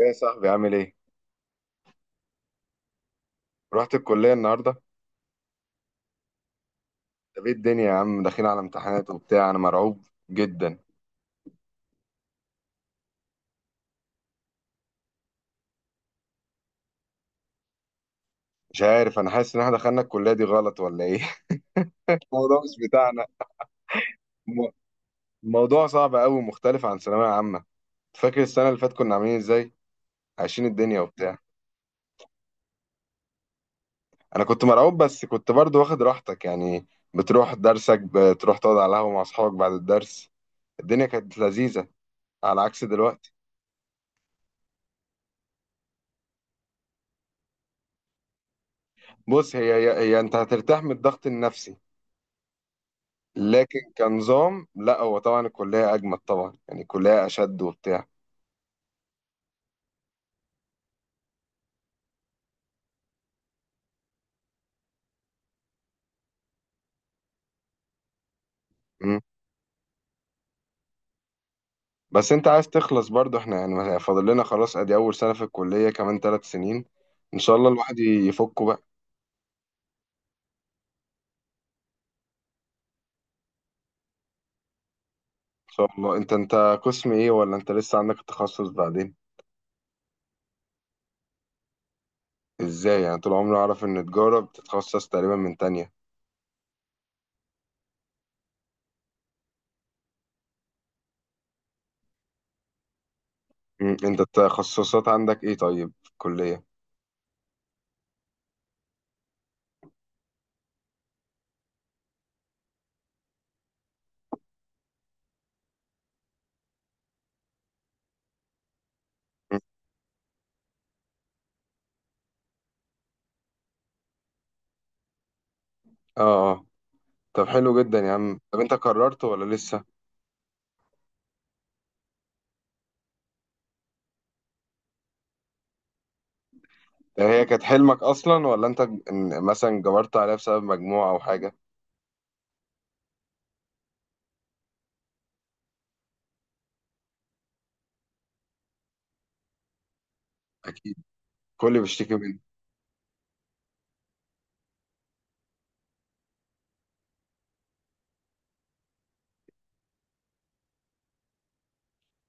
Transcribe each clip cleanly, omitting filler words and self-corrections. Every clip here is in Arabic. ايه يا صاحبي عامل ايه؟ رحت الكلية النهاردة؟ طب ايه الدنيا يا عم، داخلين على امتحانات وبتاع. انا مرعوب جدا. مش عارف، انا حاسس ان احنا دخلنا الكلية دي غلط ولا ايه؟ الموضوع مش بتاعنا. الم- الموضوع صعب قوي ومختلف عن ثانوية عامة. فاكر السنة اللي فاتت كنا عاملين ازاي؟ عايشين الدنيا وبتاع. انا كنت مرعوب بس كنت برضو واخد راحتك يعني، بتروح درسك، بتروح تقعد على القهوة مع اصحابك بعد الدرس. الدنيا كانت لذيذة، على عكس دلوقتي. بص هي انت هترتاح من الضغط النفسي، لكن كنظام لا. هو طبعا الكلية أجمد، طبعا يعني الكلية أشد وبتاع. مم. بس أنت عايز تخلص برضو. إحنا يعني فاضل لنا خلاص، أدي أول سنة في الكلية، كمان ثلاث سنين إن شاء الله الواحد يفكه بقى. إن شاء الله. أنت قسم إيه، ولا أنت لسه عندك التخصص بعدين؟ إزاي يعني؟ طول عمري أعرف إن تجارة بتتخصص تقريبا من تانية. مم. أنت التخصصات عندك إيه طيب في الكلية؟ مم. آه آه. طب حلو جدا يا عم، طب أنت قررت ولا لسه؟ هي كانت حلمك اصلا ولا انت إن مثلا جبرت عليها بسبب مجموعة او حاجة؟ اكيد. كل بيشتكي منه.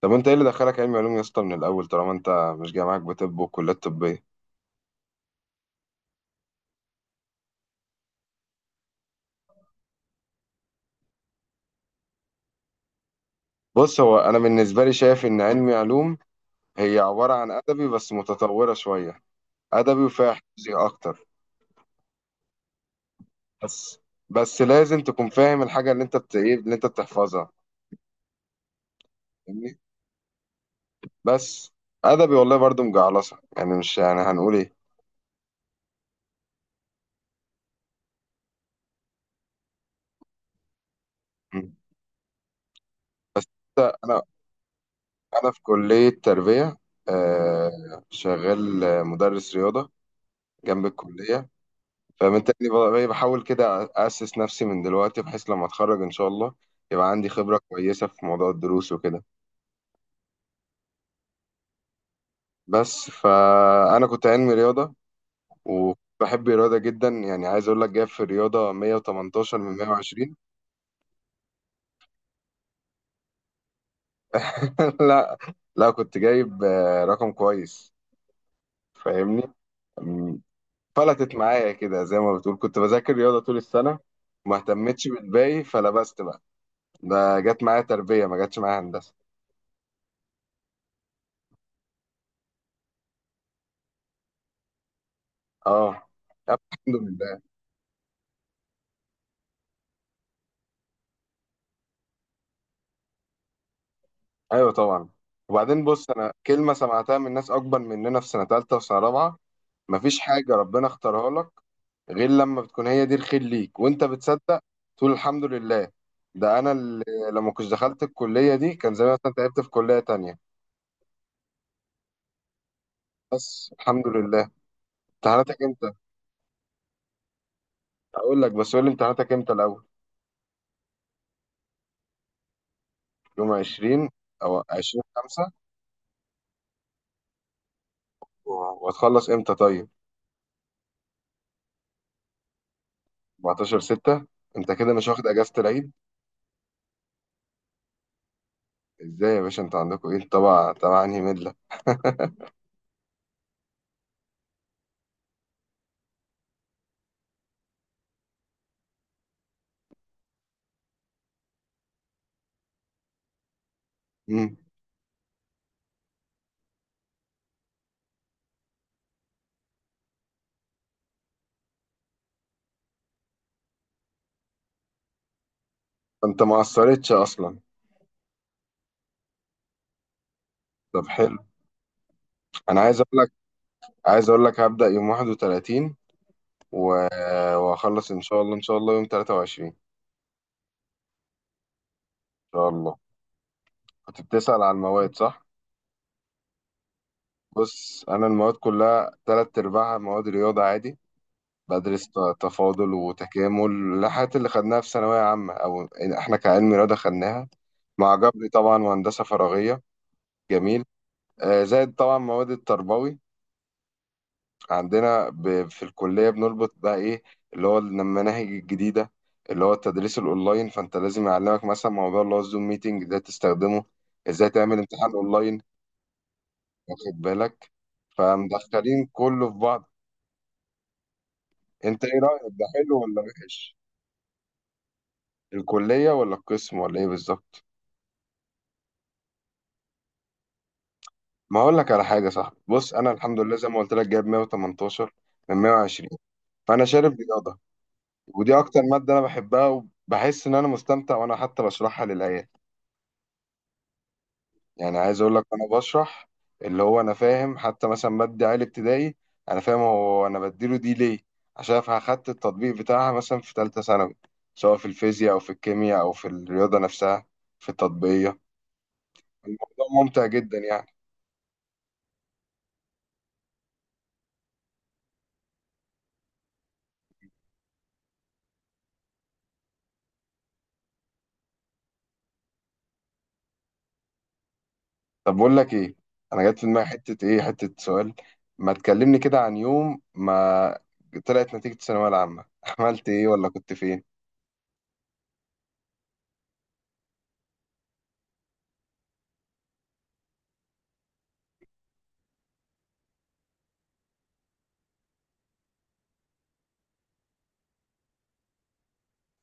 طب انت ايه اللي دخلك علم علوم يا اسطى من الاول؟ طالما انت مش جاي معاك بطب وكليات طبية. بص، هو انا بالنسبة لي شايف ان علم علوم هي عبارة عن ادبي بس متطورة شوية. ادبي وفيها حفظي اكتر، بس بس لازم تكون فاهم الحاجة اللي انت إيه اللي انت بتحفظها. فاهمني. بس ادبي والله برضو مجعلصة يعني، مش يعني هنقول ايه. م. انا أنا في كلية تربية. آه، شغال مدرس رياضة جنب الكلية. فبالتالي بحاول كده أسس نفسي من دلوقتي، بحيث لما أتخرج إن شاء الله يبقى عندي خبرة كويسة في موضوع الدروس وكده. بس فأنا كنت علمي رياضة، وبحب الرياضة جدا، يعني عايز أقول لك جايب في الرياضة 118 من 120. لا لا، كنت جايب رقم كويس. فاهمني. فلتت معايا كده زي ما بتقول، كنت بذاكر رياضة طول السنة وما اهتمتش بالباقي فلبست بقى. ده جت معايا تربية، ما جاتش معايا هندسة. اه. طب الحمد لله. ايوه طبعا. وبعدين بص، انا كلمة سمعتها من ناس اكبر مننا في سنة تالتة وسنة رابعة: مفيش حاجة ربنا اختارها لك غير لما بتكون هي دي الخير ليك وانت بتصدق تقول الحمد لله. ده انا اللي لما كنت دخلت الكلية دي كان زمان مثلا تعبت في كلية تانية. بس الحمد لله. امتحاناتك امتى؟ اقول لك، بس قول لي امتحاناتك امتى الاول. يوم 20، او 20، 5. وهتخلص امتى طيب؟ 14، 6. انت كده مش واخد اجازة العيد؟ ازاي يا باشا، انت عندكم ايه؟ طبعا طبعا. انهي ملة؟ امم. انت ما قصرتش اصلا. طب حلو. انا عايز اقول لك، هبدأ يوم 31 و- وهخلص ان شاء الله، ان شاء الله يوم 23 ان شاء الله. كنت بتسأل على المواد، صح. بص، انا المواد كلها تلات ارباعها مواد رياضة عادي. بدرس تفاضل وتكامل، الحاجات اللي خدناها في ثانوية عامة أو إحنا كعلم رياضة خدناها، مع جبري طبعا وهندسة فراغية. جميل. زائد طبعا مواد التربوي عندنا في الكلية، بنربط بقى إيه اللي هو المناهج الجديدة، اللي هو التدريس الأونلاين. فأنت لازم يعلمك مثلا موضوع اللي هو الزوم ميتنج ده، تستخدمه إزاي، تعمل امتحان أونلاين، واخد بالك، فمدخلين كله في بعض. أنت إيه رأيك، ده حلو ولا وحش؟ الكلية ولا القسم ولا إيه بالظبط؟ ما اقول لك على حاجه يا صاحبي. بص انا الحمد لله زي ما قلت لك، جايب 118 من 120. فانا شارب رياضه، ودي اكتر ماده انا بحبها. وبحس ان انا مستمتع، وانا حتى بشرحها للعيال. يعني عايز اقول لك انا بشرح، اللي هو انا فاهم حتى مثلا ماده عالي ابتدائي. انا فاهم هو انا بديله دي ليه، عشان اخدت التطبيق بتاعها مثلا في ثالثه ثانوي، سواء في الفيزياء او في الكيمياء او في الرياضه نفسها، في التطبيقيه. الموضوع ممتع جدا يعني. طب بقول لك ايه، انا جات في دماغي حته ايه حته سؤال. ما تكلمني كده عن يوم ما طلعت نتيجه الثانويه العامه. عملت ايه ولا كنت فين؟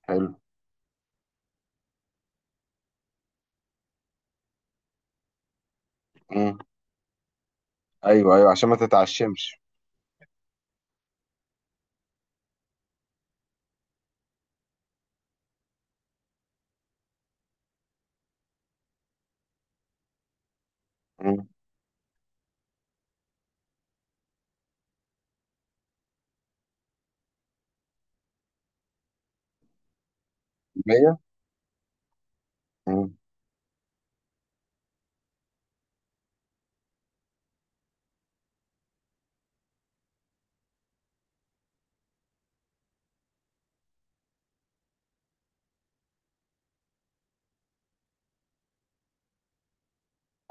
حلو. امم. ايوه ايوه، عشان ما تتعشمش. امم. 100. امم.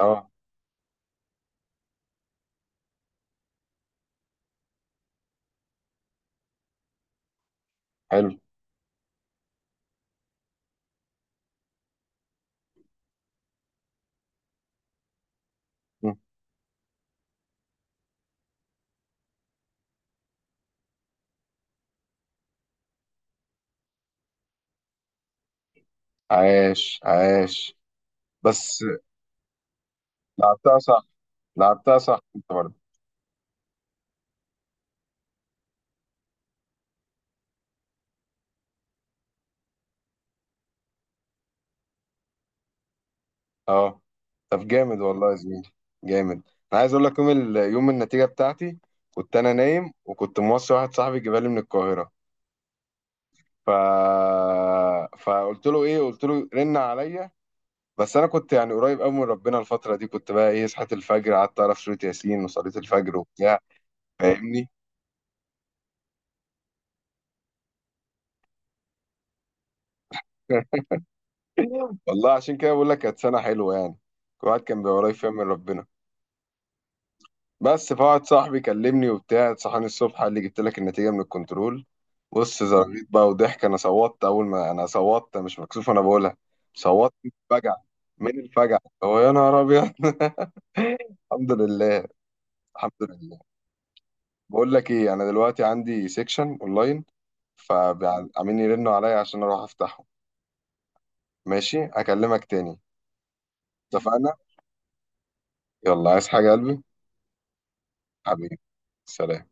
اه. حلو. مم. عاش عاش. بس لعبتها صح، لعبتها صح انت برضه. اه. طب جامد والله يا زميلي. جامد. انا عايز اقول لك يوم يوم النتيجه بتاعتي، كنت انا نايم، وكنت موصي واحد صاحبي جبالي من القاهره. ف... فقلت له ايه، قلت له رن عليا. بس انا كنت يعني قريب قوي من ربنا الفتره دي، كنت بقى ايه، صحيت الفجر، قعدت اعرف سوره ياسين، وصليت الفجر وبتاع. فاهمني. والله عشان كده بقول لك كانت سنه حلوه يعني، الواحد كان بيبقى قريب فيها من ربنا. بس فواحد صاحبي كلمني وبتاع، صحاني الصبح، قال لي جبت لك النتيجه من الكنترول. بص، زرغيت بقى وضحك. انا صوتت اول ما انا صوتت، مش مكسوف انا بقولها، صوتت من الفجع. من الفجع. هو يا نهار ابيض. الحمد لله. الحمد لله. بقول لك ايه، انا دلوقتي عندي سيكشن اونلاين، فعاملين يرنوا عليا عشان اروح افتحه. ماشي اكلمك تاني. اتفقنا. يلا، عايز حاجة يا قلبي؟ حبيبي، سلام.